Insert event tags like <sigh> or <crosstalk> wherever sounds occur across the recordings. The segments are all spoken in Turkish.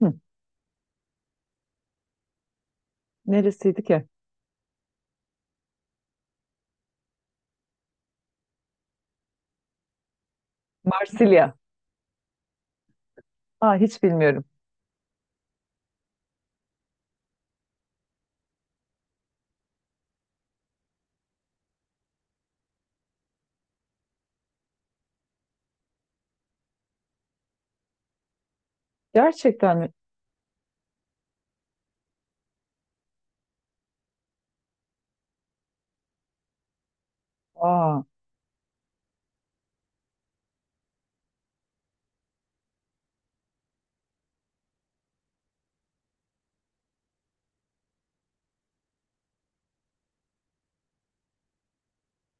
Hı, neresiydi ki? Marsilya. Aa, hiç bilmiyorum. Gerçekten mi? Aa,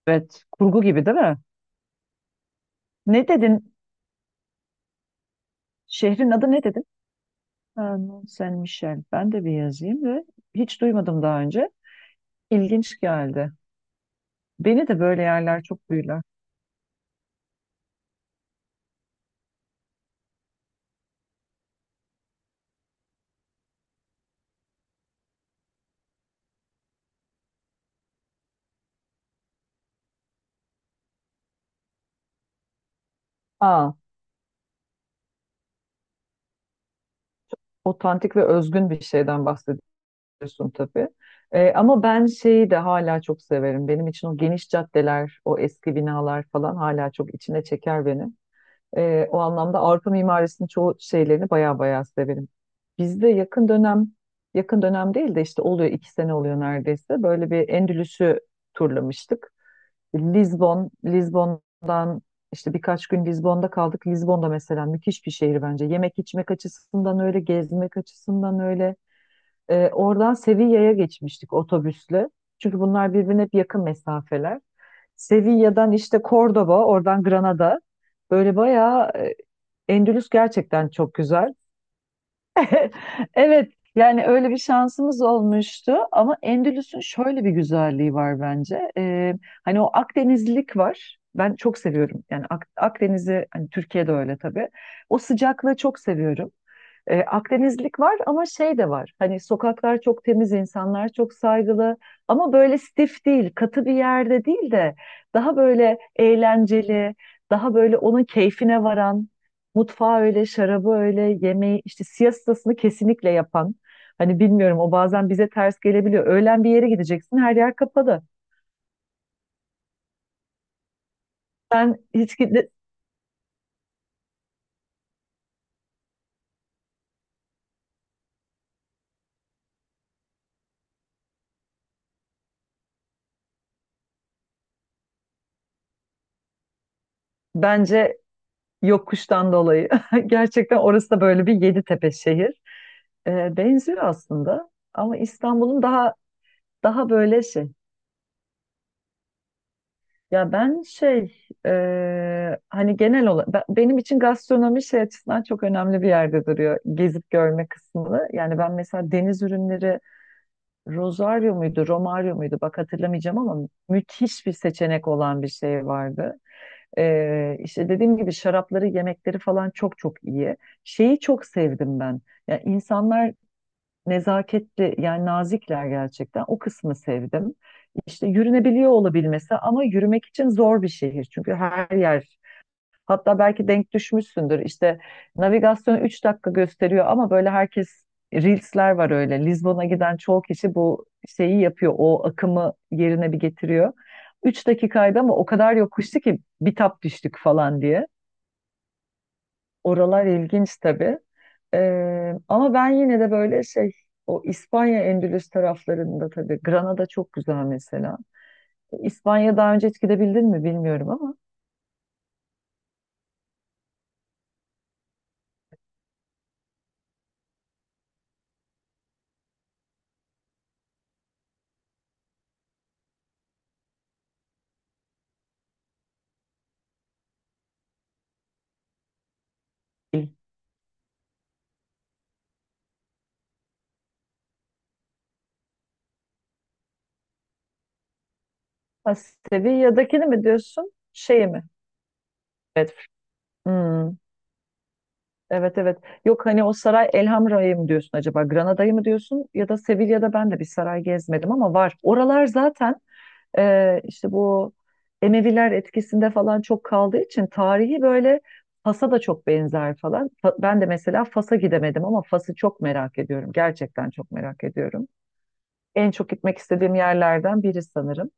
evet. Kurgu gibi değil mi? Ne dedin? Şehrin adı ne dedin? Ha, Mont Saint-Michel. Ben de bir yazayım ve hiç duymadım daha önce. İlginç geldi. Beni de böyle yerler çok büyüler. Aa, otantik ve özgün bir şeyden bahsediyorsun tabii. Ama ben şeyi de hala çok severim. Benim için o geniş caddeler, o eski binalar falan hala çok içine çeker beni. O anlamda Avrupa mimarisinin çoğu şeylerini baya baya severim. Bizde yakın dönem değil de işte oluyor 2 sene oluyor neredeyse. Böyle bir Endülüs'ü turlamıştık. Lizbon'dan işte birkaç gün Lizbon'da kaldık. Lizbon'da mesela müthiş bir şehir bence. Yemek içmek açısından öyle, gezmek açısından öyle. Oradan Sevilla'ya geçmiştik otobüsle. Çünkü bunlar birbirine hep yakın mesafeler. Sevilla'dan işte Cordoba, oradan Granada. Böyle bayağı Endülüs gerçekten çok güzel. Evet, yani öyle bir şansımız olmuştu ama Endülüs'ün şöyle bir güzelliği var bence. Hani o Akdenizlilik var. Ben çok seviyorum. Yani Akdeniz'i hani Türkiye'de öyle tabii. O sıcaklığı çok seviyorum. Akdenizlik var ama şey de var. Hani sokaklar çok temiz, insanlar çok saygılı, ama böyle stif değil, katı bir yerde değil de daha böyle eğlenceli, daha böyle onun keyfine varan, mutfağı öyle, şarabı öyle, yemeği işte siestasını kesinlikle yapan. Hani bilmiyorum, o bazen bize ters gelebiliyor. Öğlen bir yere gideceksin, her yer kapalı. Ben hiç gide- bence yokuştan dolayı. <laughs> Gerçekten orası da böyle bir Yeditepe şehir. Benziyor aslında ama İstanbul'un daha böyle şey. Ya ben şey hani genel olarak benim için gastronomi şey açısından çok önemli bir yerde duruyor. Gezip görme kısmını. Yani ben mesela deniz ürünleri, Rosario muydu, Romario muydu, bak hatırlamayacağım ama müthiş bir seçenek olan bir şey vardı. İşte dediğim gibi şarapları, yemekleri falan çok çok iyi. Şeyi çok sevdim ben. Yani insanlar nezaketli, yani nazikler gerçekten. O kısmı sevdim. İşte yürünebiliyor olabilmesi ama yürümek için zor bir şehir. Çünkü her yer. Hatta belki denk düşmüşsündür. İşte navigasyon 3 dakika gösteriyor ama böyle herkes. Reels'ler var öyle. Lizbon'a giden çoğu kişi bu şeyi yapıyor. O akımı yerine bir getiriyor. 3 dakikaydı ama o kadar yokuştu ki bitap düştük falan diye. Oralar ilginç tabii. Ama ben yine de böyle şey, o İspanya Endülüs taraflarında tabii Granada çok güzel mesela. İspanya'ya daha önce hiç gidebildin mi bilmiyorum ama. Ha, Sevilla'dakini mi diyorsun? Şeyi mi? Evet. Hmm. Evet, evet. Yok, hani o saray Elhamra'yı mı diyorsun acaba? Granada'yı mı diyorsun? Ya da Sevilla'da ben de bir saray gezmedim ama var. Oralar zaten işte bu Emeviler etkisinde falan çok kaldığı için tarihi böyle Fas'a da çok benzer falan. Ben de mesela Fas'a gidemedim ama Fas'ı çok merak ediyorum. Gerçekten çok merak ediyorum. En çok gitmek istediğim yerlerden biri sanırım.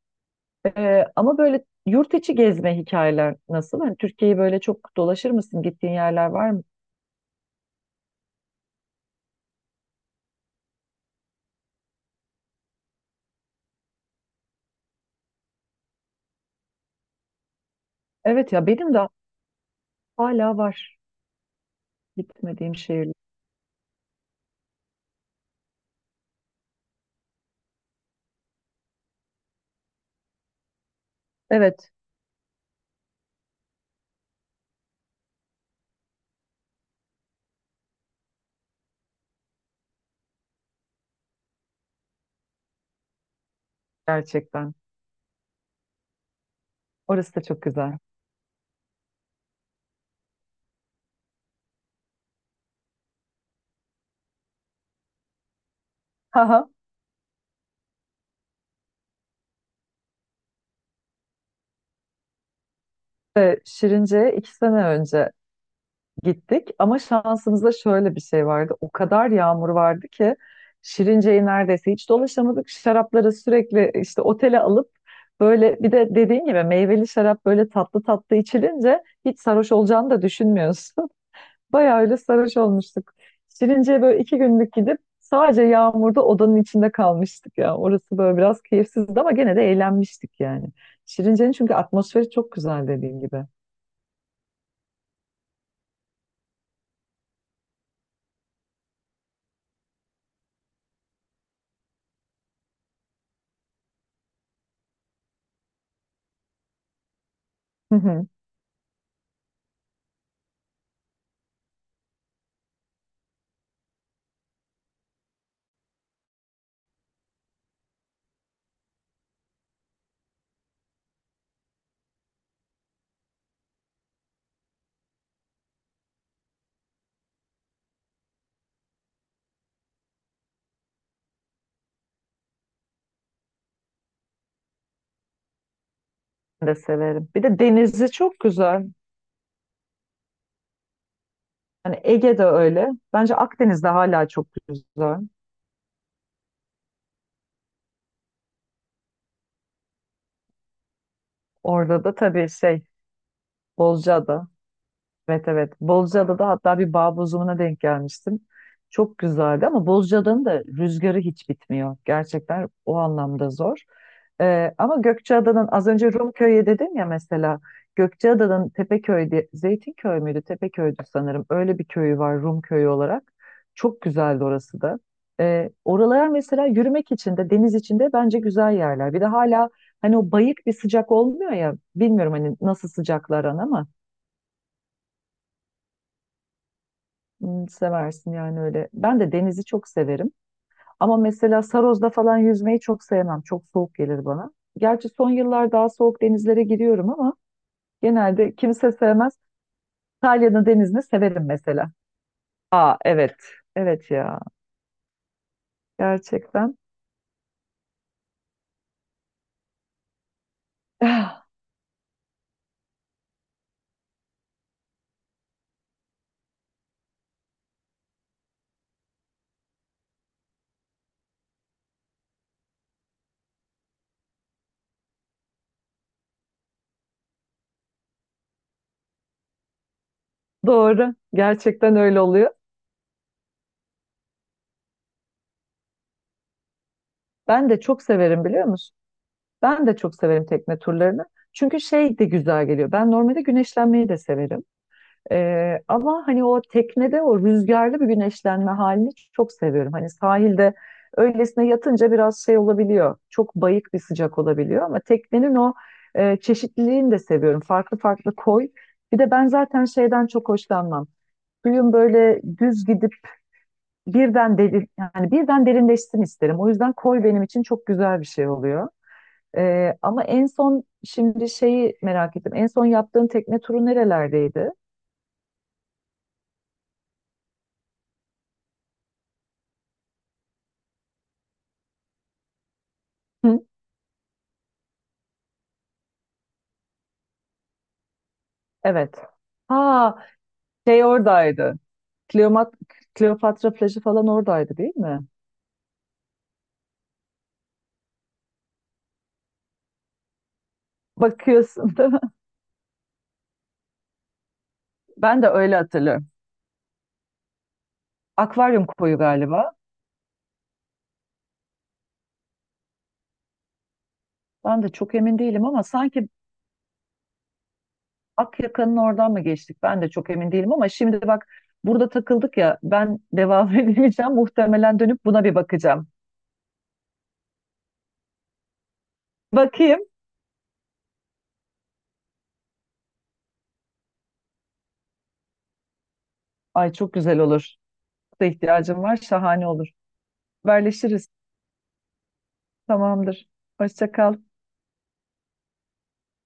Ama böyle yurt içi gezme hikayeler nasıl? Hani Türkiye'yi böyle çok dolaşır mısın? Gittiğin yerler var mı? Evet ya, benim de hala var gitmediğim şehirler. Evet, gerçekten. Orası da çok güzel. Haha. Ve Şirince'ye 2 sene önce gittik ama şansımızda şöyle bir şey vardı. O kadar yağmur vardı ki Şirince'yi neredeyse hiç dolaşamadık. Şarapları sürekli işte otele alıp, böyle bir de dediğin gibi meyveli şarap böyle tatlı tatlı içilince hiç sarhoş olacağını da düşünmüyorsun. Bayağı öyle sarhoş olmuştuk. Şirince'ye böyle 2 günlük gidip sadece yağmurda odanın içinde kalmıştık ya. Orası böyle biraz keyifsizdi ama gene de eğlenmiştik yani. Şirince'nin çünkü atmosferi çok güzel dediğim gibi. Hı hı. Ben de severim. Bir de denizi çok güzel. Yani Ege'de öyle. Bence Akdeniz'de hala çok güzel. Orada da tabii şey, Bozcaada. Evet, evet. Bozcaada'da hatta bir bağ bozumuna denk gelmiştim. Çok güzeldi ama Bozcaada'nın da rüzgarı hiç bitmiyor. Gerçekten o anlamda zor. Ama Gökçeada'nın, az önce Rumköy'e dedim ya mesela, Gökçeada'nın Tepeköy'de Zeytinköy müydü? Tepeköy'dü sanırım. Öyle bir köyü var Rumköy olarak. Çok güzeldi orası da. Oralar mesela yürümek için de deniz için de bence güzel yerler. Bir de hala hani o bayık bir sıcak olmuyor ya, bilmiyorum hani nasıl sıcaklar ama seversin yani öyle. Ben de denizi çok severim. Ama mesela Saroz'da falan yüzmeyi çok sevmem. Çok soğuk gelir bana. Gerçi son yıllar daha soğuk denizlere giriyorum ama genelde kimse sevmez. İtalya'nın denizini severim mesela. Aa, evet. Evet ya. Gerçekten. <laughs> <sighs> Doğru. Gerçekten öyle oluyor. Ben de çok severim, biliyor musun? Ben de çok severim tekne turlarını. Çünkü şey de güzel geliyor. Ben normalde güneşlenmeyi de severim. Ama hani o teknede o rüzgarlı bir güneşlenme halini çok seviyorum. Hani sahilde öylesine yatınca biraz şey olabiliyor. Çok bayık bir sıcak olabiliyor ama teknenin o çeşitliliğini de seviyorum. Farklı farklı koy. Bir de ben zaten şeyden çok hoşlanmam. Suyun böyle düz gidip yani birden derinleşsin isterim. O yüzden koy benim için çok güzel bir şey oluyor. Ama en son şimdi şeyi merak ettim. En son yaptığın tekne turu nerelerdeydi? Evet. Ha, şey oradaydı. Kleomat Kleopatra plajı falan oradaydı değil mi? Bakıyorsun <laughs> değil mi? Ben de öyle hatırlıyorum. Akvaryum koyu galiba. Ben de çok emin değilim ama sanki Akyaka'nın oradan mı geçtik? Ben de çok emin değilim ama şimdi bak, burada takıldık ya, ben devam <laughs> edemeyeceğim. Muhtemelen dönüp buna bir bakacağım. Bakayım. Ay, çok güzel olur. Da ihtiyacım var. Şahane olur. Haberleşiriz. Tamamdır. Hoşça kal.